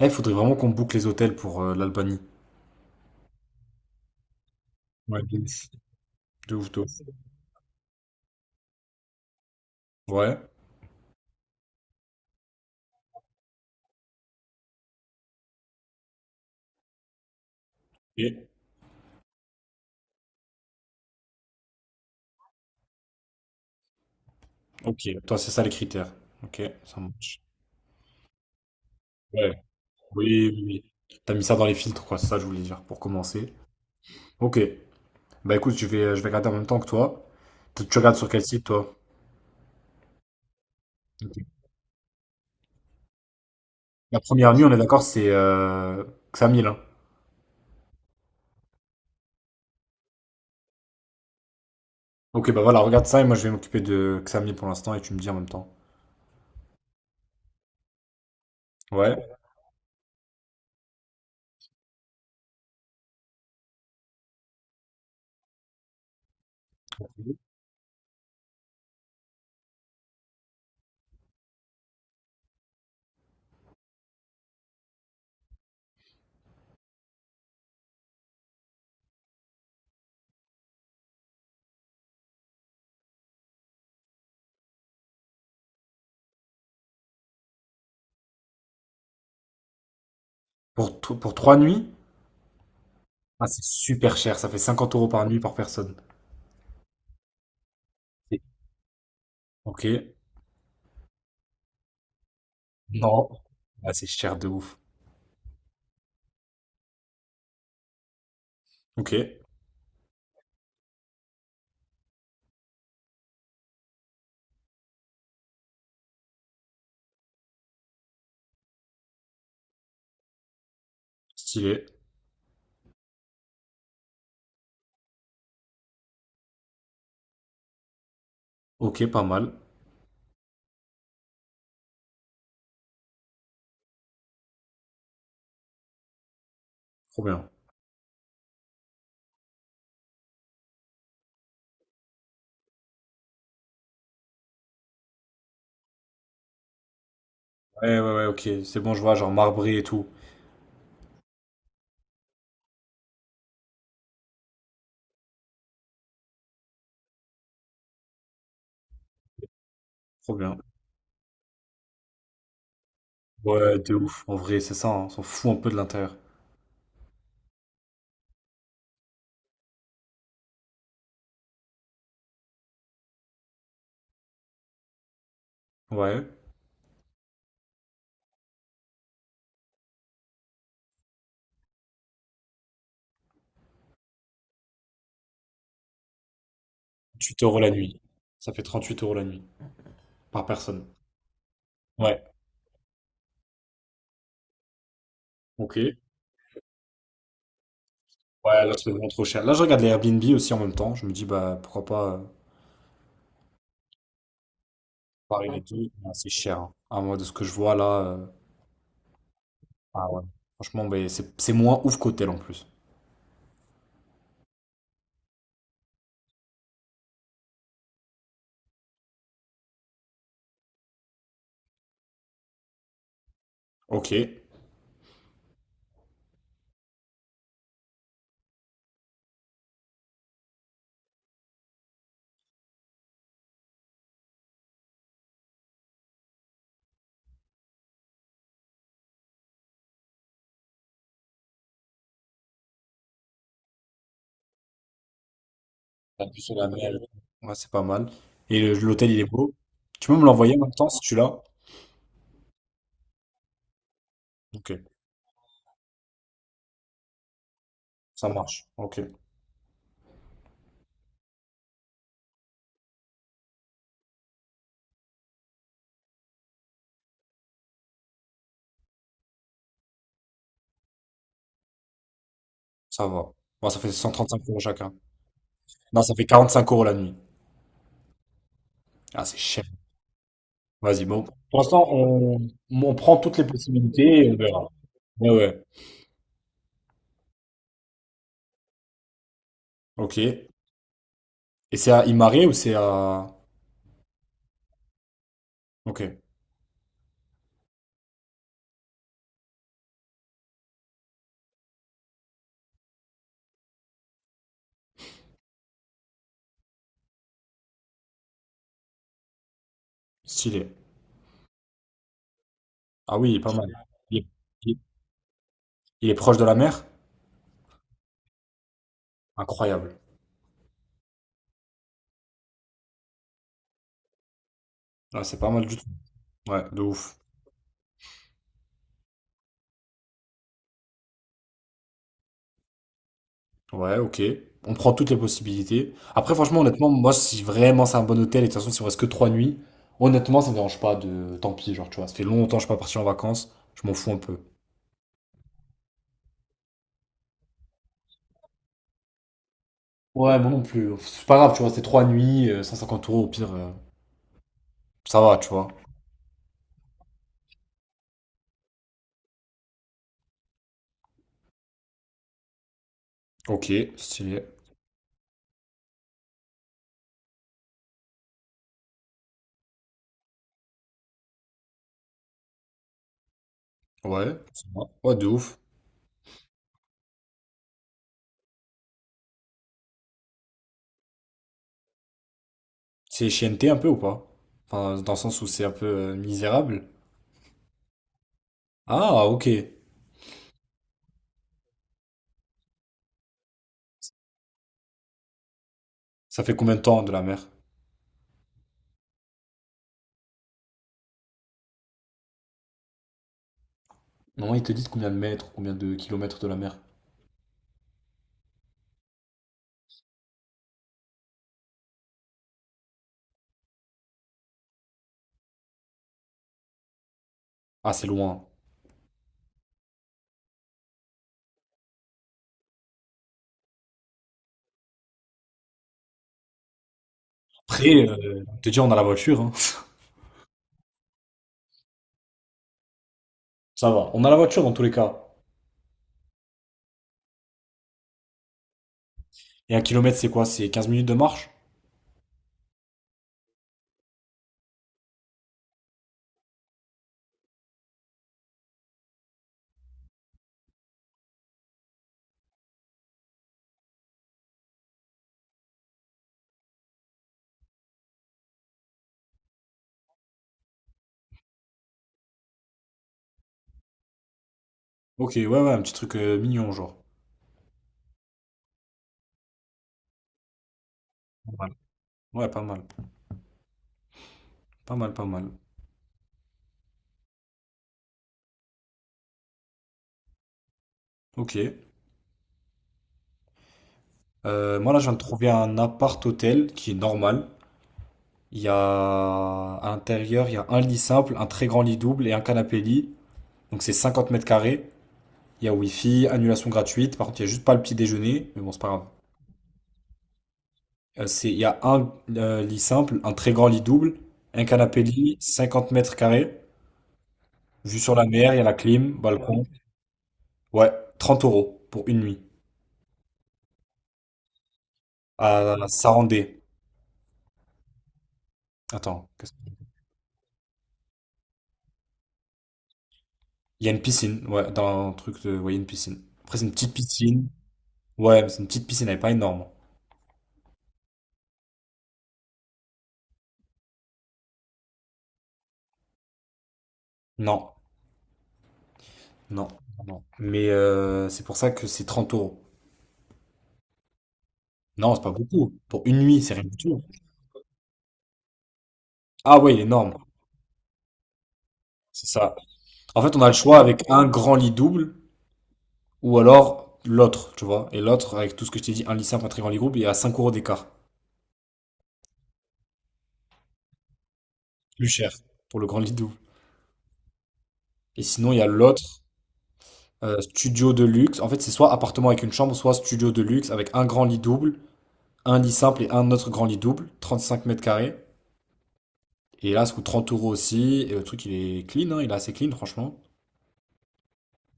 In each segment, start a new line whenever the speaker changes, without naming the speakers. Eh, faudrait vraiment qu'on boucle les hôtels pour l'Albanie. Ouais, de ouf. De ouf, de ouf. Ouais, ok. Toi, c'est ça les critères. Ok, ça marche. Ouais. Oui, oui, oui. T'as mis ça dans les filtres, quoi, c'est ça que je voulais dire, pour commencer. Ok. Bah écoute, je vais regarder en même temps que toi. Tu regardes sur quel site, toi? Ok. La première nuit, on est d'accord, c'est Xamil, hein. Ok, bah voilà, regarde ça et moi je vais m'occuper de Xamil pour l'instant et tu me dis en même temps. Ouais. Pour trois nuits? Ah, c'est super cher, ça fait 50 euros par nuit par personne. Ok. Non. Ah, c'est cher de ouf. Ok, stylé. Ok, pas mal. Trop bien. Ouais, ouais, ouais, ok. C'est bon, je vois, genre marbré et tout. Trop bien. Ouais, de ouf. En vrai, c'est ça, hein. On s'en fout un peu de l'intérieur. Ouais. 38 euros la nuit. Ça fait 38 euros la nuit. Par personne. Ouais. Ok. Ouais, là, c'est vraiment trop cher. Là, je regarde les Airbnb aussi en même temps. Je me dis, bah, pourquoi pas comparer les deux. Ah, c'est cher, hein. Ah, moi, de ce que je vois là, ah ouais. Franchement, bah, c'est moins ouf qu'hôtel en plus. Ok. De la mer. Ouais, c'est pas mal. Et l'hôtel, il est beau. Tu peux me l'envoyer en même temps si tu l'as? Ok, ça marche. Ok, ça va. Bon, ça fait 135 euros chacun. Non, ça fait 45 euros la nuit. Ah, c'est cher. Vas-y, bon. Pour l'instant, on prend toutes les possibilités et on verra. Ouais, ouais. Ok. Et c'est à Imare ou c'est à... Ok, stylé. Ah oui, il est pas mal. Il est, il est- il est proche de la mer? Incroyable. Ah, c'est pas mal du tout. Ouais, de ouf. Ouais, ok. On prend toutes les possibilités. Après, franchement, honnêtement, moi, si vraiment c'est un bon hôtel, et de toute façon, si on reste que trois nuits, honnêtement, ça me dérange pas de... Tant pis, genre, tu vois, ça fait longtemps que je suis pas parti en vacances, je m'en fous un peu. Ouais, moi non plus. C'est pas grave, tu vois, c'est trois nuits, 150 euros, au pire, ça va, tu vois. Ok, stylé. Ouais, ça va. Ouais, de ouf. C'est chienneté un peu ou pas? Enfin, dans le sens où c'est un peu misérable. Ah, ok. Ça fait combien de temps de la mer? Non, ils te disent combien de mètres, combien de kilomètres de la mer. Ah, c'est loin. Après, te dire, on a la voiture, hein. Ça va. On a la voiture dans tous les cas. Et un kilomètre, c'est quoi? C'est 15 minutes de marche? Ok, ouais, ouais, un petit truc mignon, genre. Pas mal. Ouais, pas mal. Pas mal, pas mal. Ok. Moi, là, je viens de trouver un appart-hôtel qui est normal. Il y a à l'intérieur, il y a un lit simple, un très grand lit double et un canapé-lit. Donc, c'est 50 mètres carrés. Il y a Wi-Fi, annulation gratuite. Par contre, il n'y a juste pas le petit déjeuner. Mais bon, c'est pas grave. C'est, il y a un lit simple, un très grand lit double, un canapé-lit, 50 mètres carrés. Vue sur la mer, il y a la clim, balcon. Ouais, 30 euros pour une nuit. À Sarandé. Attends, qu'est-ce que- il y a une piscine. Ouais, dans un truc de. Ouais, il y a une piscine. Après, c'est une petite piscine. Ouais, mais c'est une petite piscine, elle est pas énorme. Non, non, non. Mais c'est pour ça que c'est 30 euros. Non, c'est pas beaucoup. Pour une nuit, c'est rien du tout. Ah ouais, il est énorme. C'est ça. En fait, on a le choix avec un grand lit double ou alors l'autre, tu vois. Et l'autre, avec tout ce que je t'ai dit, un lit simple, un très grand lit groupe, il est à 5 euros d'écart. Plus cher pour le grand lit double. Et sinon, il y a l'autre, studio de luxe. En fait, c'est soit appartement avec une chambre, soit studio de luxe avec un grand lit double, un lit simple et un autre grand lit double, 35 mètres carrés. Et là, ça coûte 30 euros aussi. Et le truc, il est clean, hein, il est assez clean, franchement.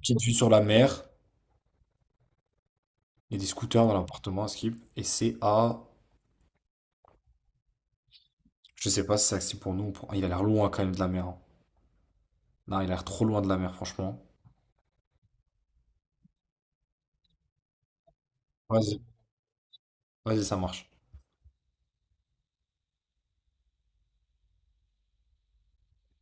Petite vue sur la mer. Il y a des scooters dans l'appartement à Skip. Et c'est à. Je sais pas si c'est accessible pour nous. Ah, il a l'air loin quand même de la mer, hein. Non, il a l'air trop loin de la mer, franchement. Vas-y, vas-y, ça marche.